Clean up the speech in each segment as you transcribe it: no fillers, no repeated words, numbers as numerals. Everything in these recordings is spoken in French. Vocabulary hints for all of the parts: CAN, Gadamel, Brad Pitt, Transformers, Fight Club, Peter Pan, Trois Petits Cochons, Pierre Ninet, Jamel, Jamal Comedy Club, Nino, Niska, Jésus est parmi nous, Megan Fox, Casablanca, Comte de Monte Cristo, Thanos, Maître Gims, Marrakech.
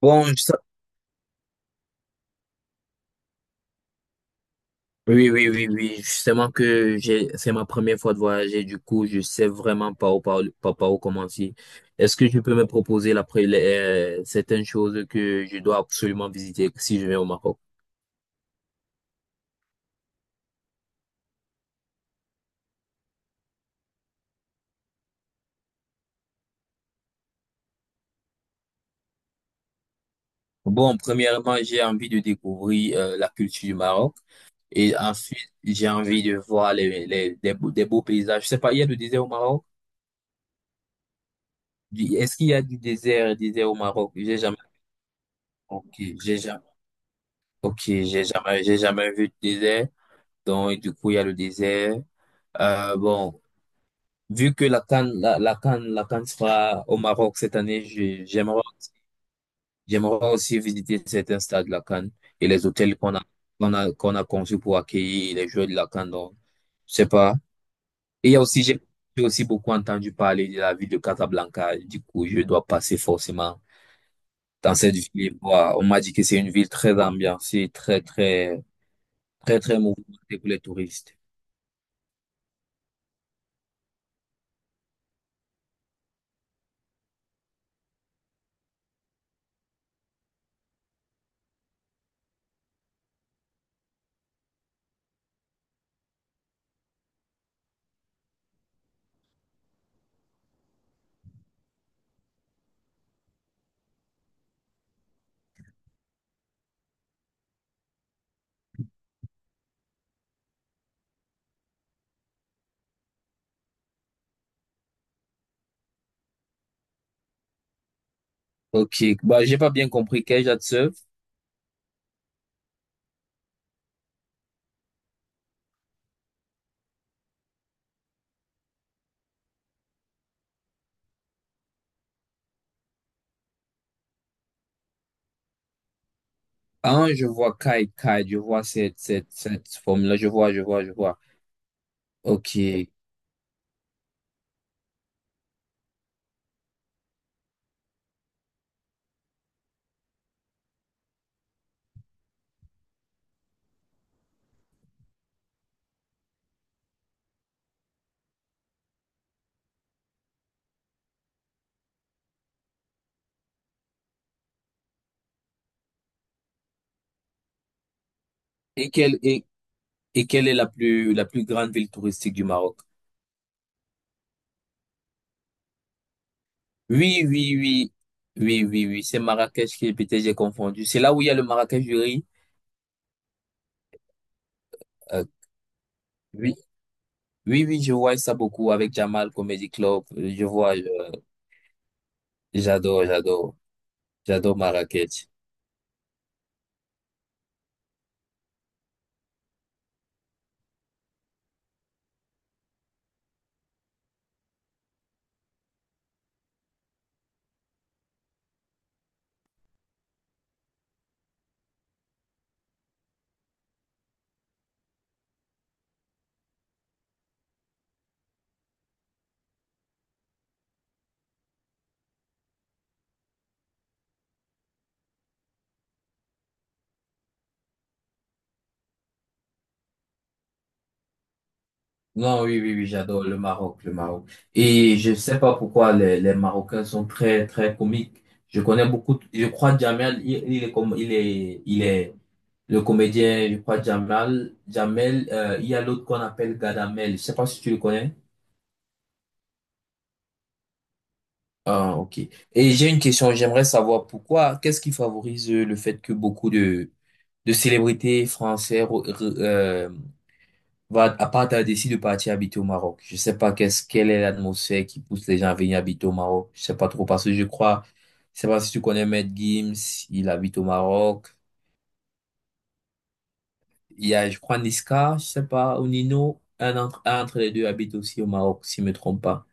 Bon, je sais- oui, oui, oui, oui. Justement que j'ai, c'est ma première fois de voyager. Du coup, je sais vraiment pas par où commencer. Est-ce que tu peux me proposer certaines choses que je dois absolument visiter si je vais au Maroc? Bon, premièrement, j'ai envie de découvrir la culture du Maroc. Et ensuite, j'ai envie de voir des beaux paysages. Je sais pas, il y a du désert au Maroc? Est-ce qu'il y a du désert au Maroc? J'ai jamais, ok, j'ai jamais, ok, j'ai jamais, J'ai jamais vu de désert. Donc, du coup, il y a le désert. Euh, bon, Vu que la CAN sera au Maroc cette année, j'aimerais, j'aimerais aussi visiter certains stades de la CAN et les hôtels qu'on a conçus pour accueillir les joueurs de la CAN. Donc, je sais pas. Et il y a aussi, j'ai aussi beaucoup entendu parler de la ville de Casablanca. Du coup, je dois passer forcément dans cette ville et voir. On m'a dit que c'est une ville très ambiancée, très mouvementée pour les touristes. Ok, bah, j'ai pas bien compris. Quel âge as-tu? Ah, je vois Kai Kai, je vois cette forme-là, je vois. Ok. Et quelle, et, quelle est la plus grande ville touristique du Maroc? Oui, oui, oui. Oui, oui, oui. C'est Marrakech qui est, peut-être j'ai confondu. C'est là où il y a le Marrakech du riz. Euh, oui, oui, oui, je vois ça beaucoup avec Jamal Comedy Club. J'adore, j'adore, j'adore Marrakech. Non, oui, oui, oui, j'adore le Maroc, le Maroc. Et je sais pas pourquoi les Marocains sont très, très comiques. Je connais beaucoup, je crois Jamel, il est comme, il est le comédien, je crois Jamel, il y a l'autre qu'on appelle Gadamel. Je sais pas si tu le connais. Ah, ok. Et j'ai une question, j'aimerais savoir pourquoi, qu'est-ce qui favorise le fait que beaucoup de célébrités françaises va à part t'as décidé de partir habiter au Maroc. Je sais pas qu'est-ce quelle est l'atmosphère qui pousse les gens à venir habiter au Maroc. Je sais pas trop parce que je sais pas si tu connais Maître Gims, il habite au Maroc. Il y a, je crois, Niska, je sais pas, ou Nino, un entre les deux habite aussi au Maroc, si je me trompe pas.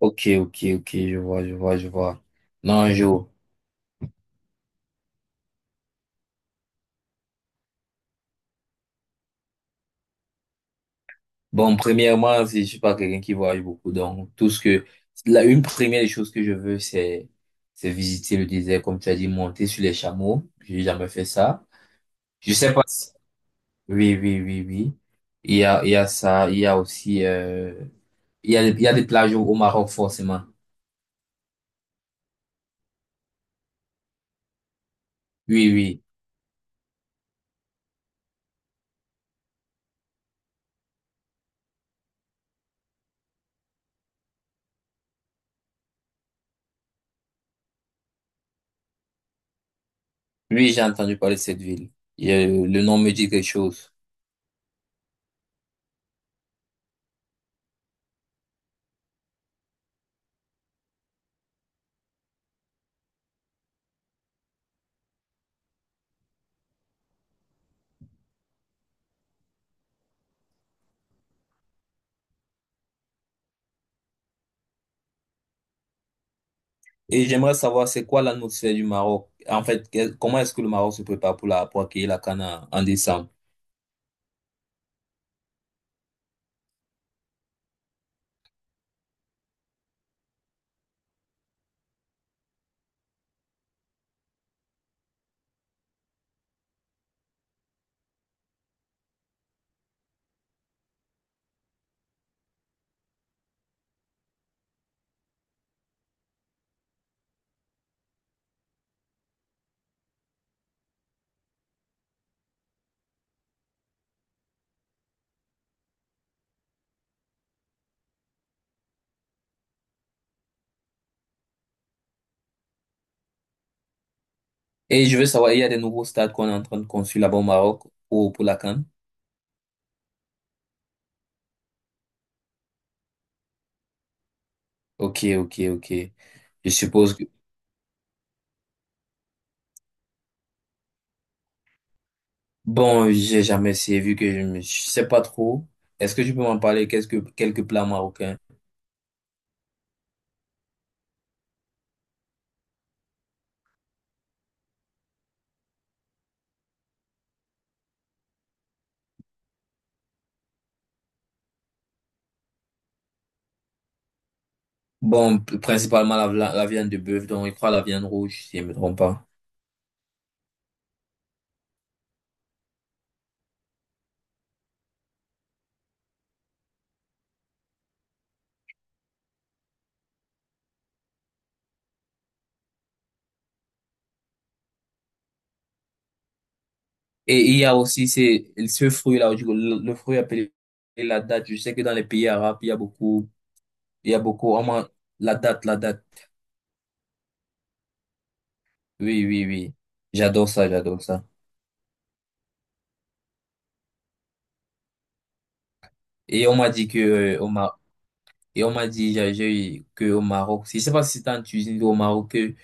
Ok, ok, ok, je vois, je vois, je vois. Non, je, Bon, premièrement, je suis pas quelqu'un qui voyage beaucoup, donc tout ce que la une première des choses que je veux, c'est visiter le désert, comme tu as dit, monter sur les chameaux. J'ai jamais fait ça. Je sais pas. Si- Oui, oui, oui, oui. Il y a ça, il y a aussi il y a des plages au au Maroc forcément. Oui, oui, oui, j'ai entendu parler de cette ville. Il y le nom me dit quelque chose. Et j'aimerais savoir c'est quoi l'atmosphère du Maroc. En fait, comment est-ce que le Maroc se prépare pour accueillir la CAN en en décembre? Et je veux savoir, il y a des nouveaux stades qu'on est en train de construire là-bas au Maroc pour la CAN? Ok, ok, ok. Je suppose que... Bon, j'ai jamais essayé vu que je ne sais pas trop. Est-ce que tu peux m'en parler quelques plats marocains? Bon, principalement la viande de bœuf, donc il croit la viande rouge, si je ne me trompe pas. Et il y a aussi ce fruit-là, le fruit appelé la date. Je sais que dans les pays arabes, il y a beaucoup, il y a beaucoup, on mange la date, la date. Oui, oui, oui. J'adore ça, j'adore ça. Et on m'a dit que, Et on m'a dit, eu que au Maroc, je sais pas si c'est en Tunisie ou au Maroc, que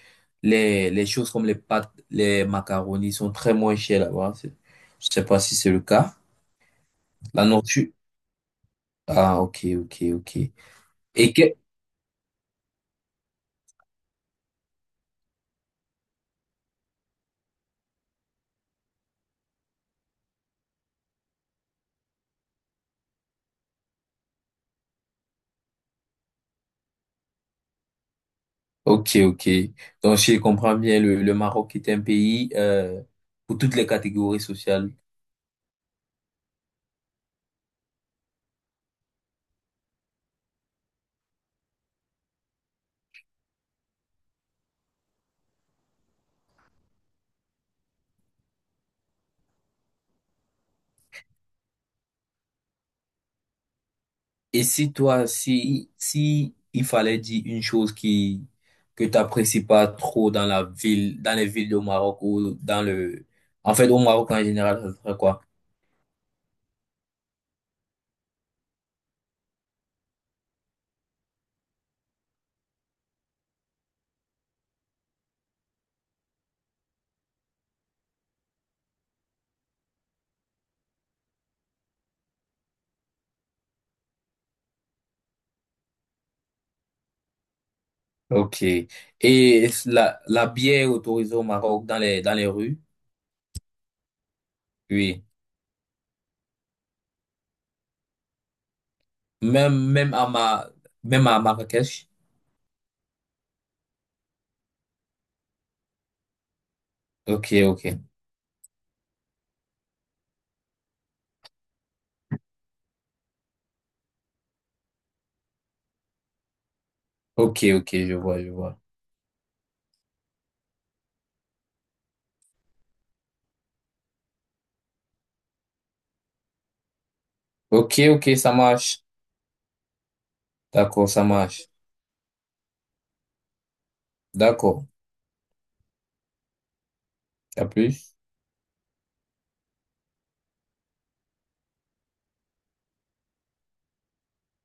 les choses comme les pâtes, les macaronis sont très moins chères là-bas. Je sais pas si c'est le cas. La nourriture. Ah, ok, ok, ok. Et que, ok, ok. Donc, je comprends bien, le Maroc est un pays, pour toutes les catégories sociales. Et si toi, si il fallait dire une chose qui, que t'apprécies pas trop dans la ville, dans les villes au Maroc ou dans le, en fait, au Maroc en général, ça serait quoi? Ok. Et la bière est autorisée au Maroc dans dans les rues? Oui. Même, même à Marrakech? Ok, ok. Ok, ok, je vois, je vois. Ok, ok, ça marche. D'accord, ça marche. D'accord. À plus.